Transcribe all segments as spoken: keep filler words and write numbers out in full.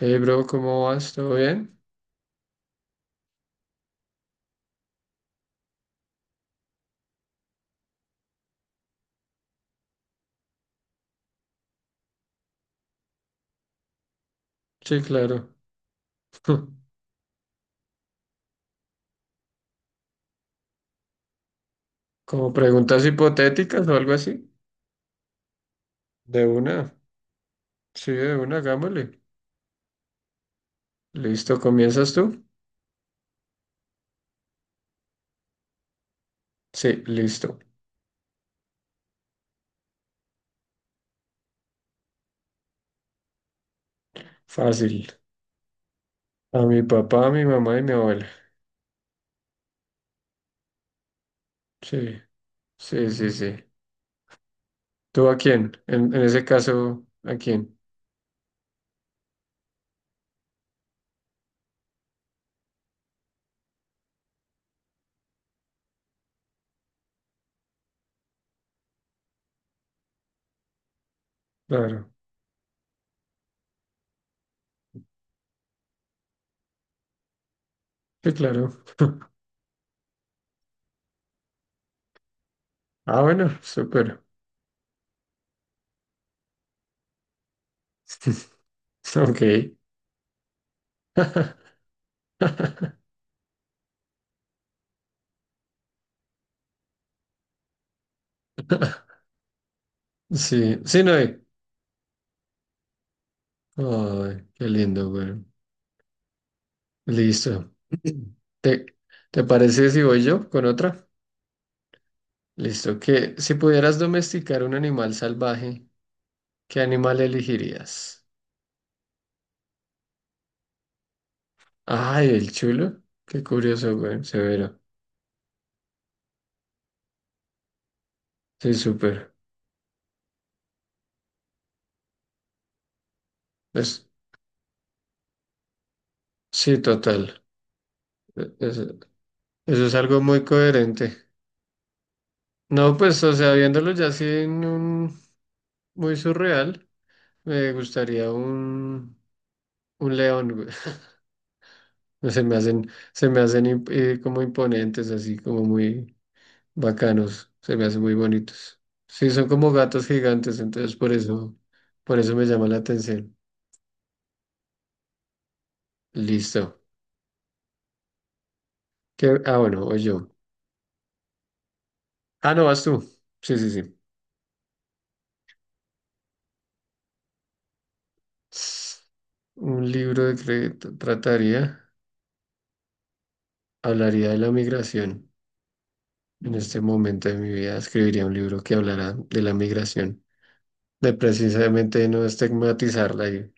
Hey, bro, ¿cómo vas? ¿Todo bien? Sí, claro. Como preguntas hipotéticas o algo así. De una. Sí, de una, hagámosle. Listo, ¿comienzas tú? Sí, listo. Fácil. A mi papá, a mi mamá y mi abuela. Sí, sí, sí, sí. ¿Tú a quién? En, en ese caso, ¿a quién? Claro. Sí, claro. Ah, bueno, súper. Ok. Sí, sí, no hay. Ay, qué lindo, güey. Listo. ¿Te, te parece si voy yo con otra? Listo. Que si pudieras domesticar un animal salvaje, ¿qué animal elegirías? Ay, el chulo. Qué curioso, güey. Severo. Sí, súper. Es, sí, total. E- es- eso es algo muy coherente. No, pues, o sea, viéndolo ya así en un muy surreal, me gustaría un, un león, güey. Se me hacen, se me hacen imp- eh, como imponentes, así como muy bacanos, se me hacen muy bonitos. Sí, son como gatos gigantes, entonces por eso, por eso me llama la atención. Listo. ¿Qué? Ah, bueno, o yo. Ah, no, vas tú. Sí, sí, sí. Un libro de crédito trataría, hablaría de la migración. En este momento de mi vida escribiría un libro que hablará de la migración, de precisamente no estigmatizarla y,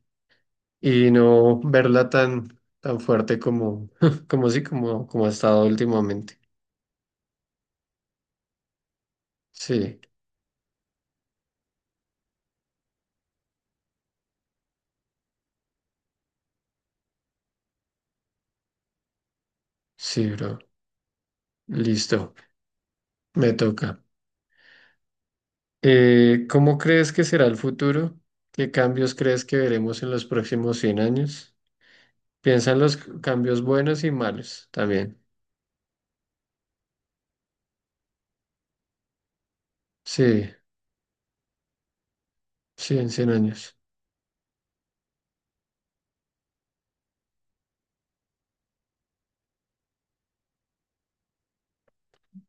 y no verla tan, tan fuerte como, como sí, como, como ha estado últimamente. Sí. Sí, bro. Listo. Me toca. Eh, ¿cómo crees que será el futuro? ¿Qué cambios crees que veremos en los próximos cien años? Piensa en los cambios buenos y malos también. Sí, sí, en cien años.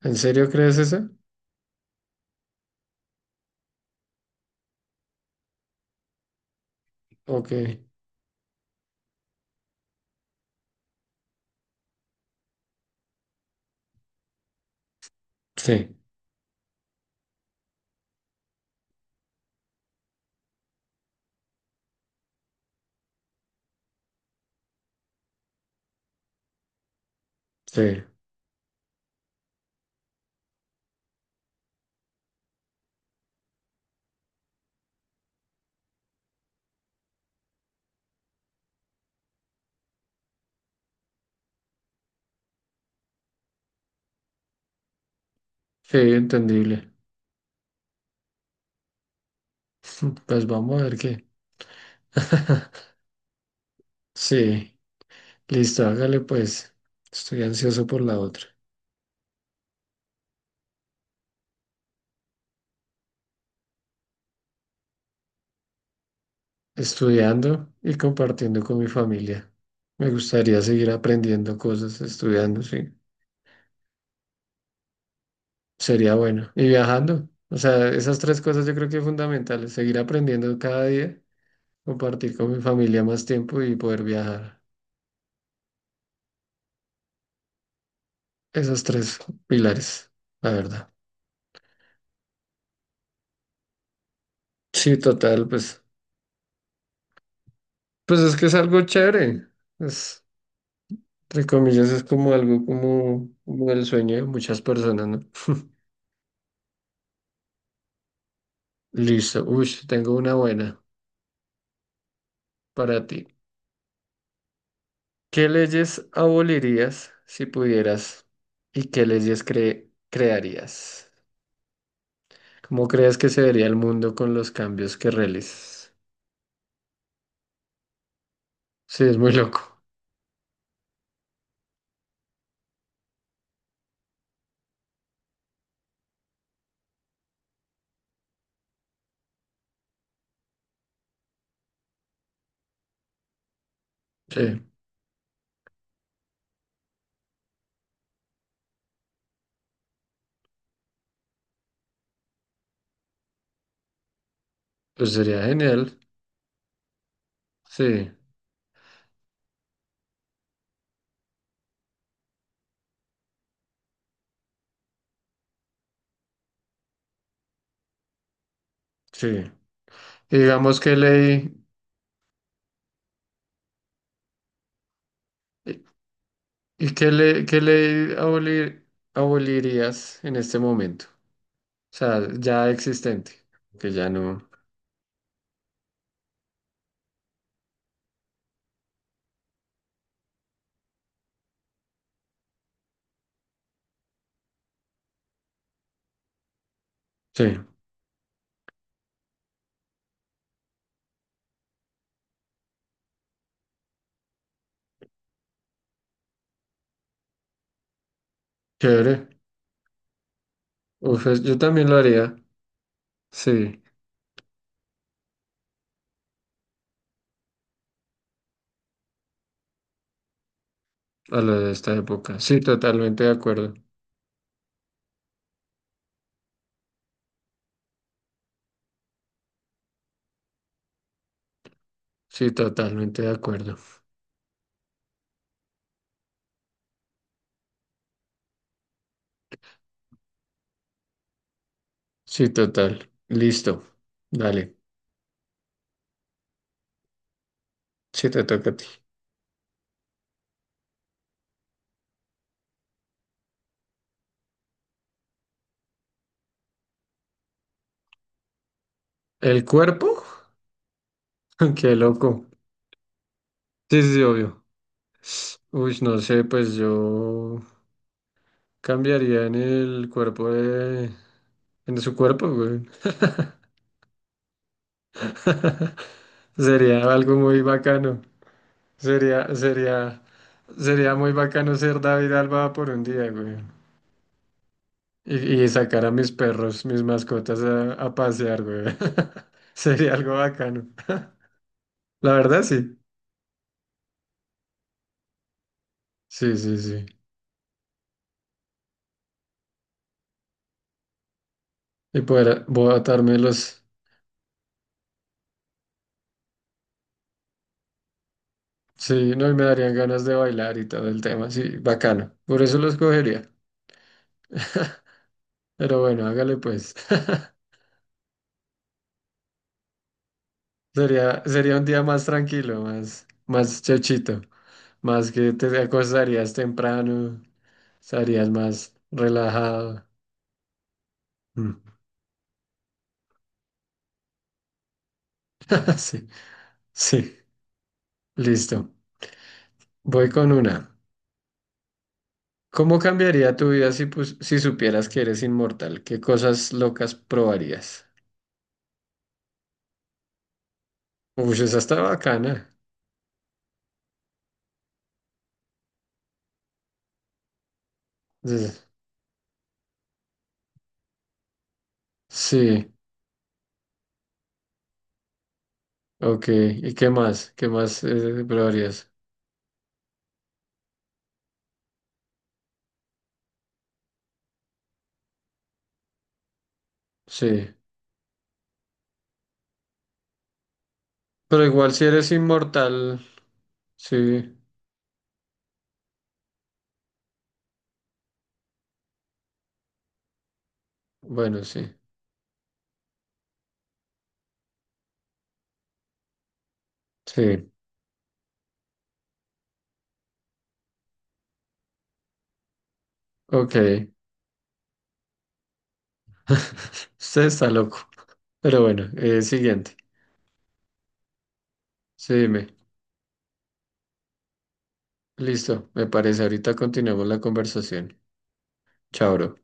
¿En serio crees eso? Ok. Sí, sí, sí, entendible. Pues vamos a ver qué. Sí, listo, hágale pues. Estoy ansioso por la otra. Estudiando y compartiendo con mi familia. Me gustaría seguir aprendiendo cosas, estudiando, sí. Sería bueno. Y viajando. O sea, esas tres cosas yo creo que son fundamentales. Seguir aprendiendo cada día, compartir con mi familia más tiempo y poder viajar. Esos tres pilares, la verdad. Sí, total, pues, pues es que es algo chévere. Es, entre comillas, es como algo como, como el sueño de muchas personas, ¿no? Listo. Uy, tengo una buena para ti. ¿Qué leyes abolirías si pudieras y qué leyes cre- crearías? ¿Cómo crees que se vería el mundo con los cambios que realizas? Sí, es muy loco. Sí, pues sería genial. Sí, sí. Y digamos qué ley, y y qué ley, qué ley abolir- abolirías en este momento? O sea, ya existente, que ya no. Sí, chévere. Uf, es- yo también lo haría. Sí, a lo de esta época. Sí, totalmente de acuerdo. Sí, totalmente de acuerdo. Sí, total. Listo. Dale. Sí, te toca a ti. ¿El cuerpo? Qué loco. Sí, sí, sí, obvio. Uy, no sé, pues yo cambiaría en el cuerpo de... en su cuerpo, güey. Sería algo muy bacano. Sería, sería, sería muy bacano ser David Alba por un día, güey. Y, y sacar a mis perros, mis mascotas a, a pasear, güey. Sería algo bacano. La verdad, sí. Sí, sí, sí. Y poder bo- atarme los... Sí, no, y me darían ganas de bailar y todo el tema. Sí, bacano. Por eso los cogería. Pero bueno, hágale pues. Sería, sería un día más tranquilo, más, más chochito. Más que te acostarías temprano, estarías más relajado. Mm. Sí, sí. Listo. Voy con una. ¿Cómo cambiaría tu vida si, pus- si supieras que eres inmortal? ¿Qué cosas locas probarías? Uy, esa está bacana. Es- Sí, ok. ¿Y qué más? ¿Qué más eh, probarías? Sí. Pero igual si eres inmortal, sí. Bueno, sí. Sí, ok. Usted está loco. Pero bueno, eh, siguiente. Sí, dime. Listo, me parece. Ahorita continuamos la conversación. Chao, bro.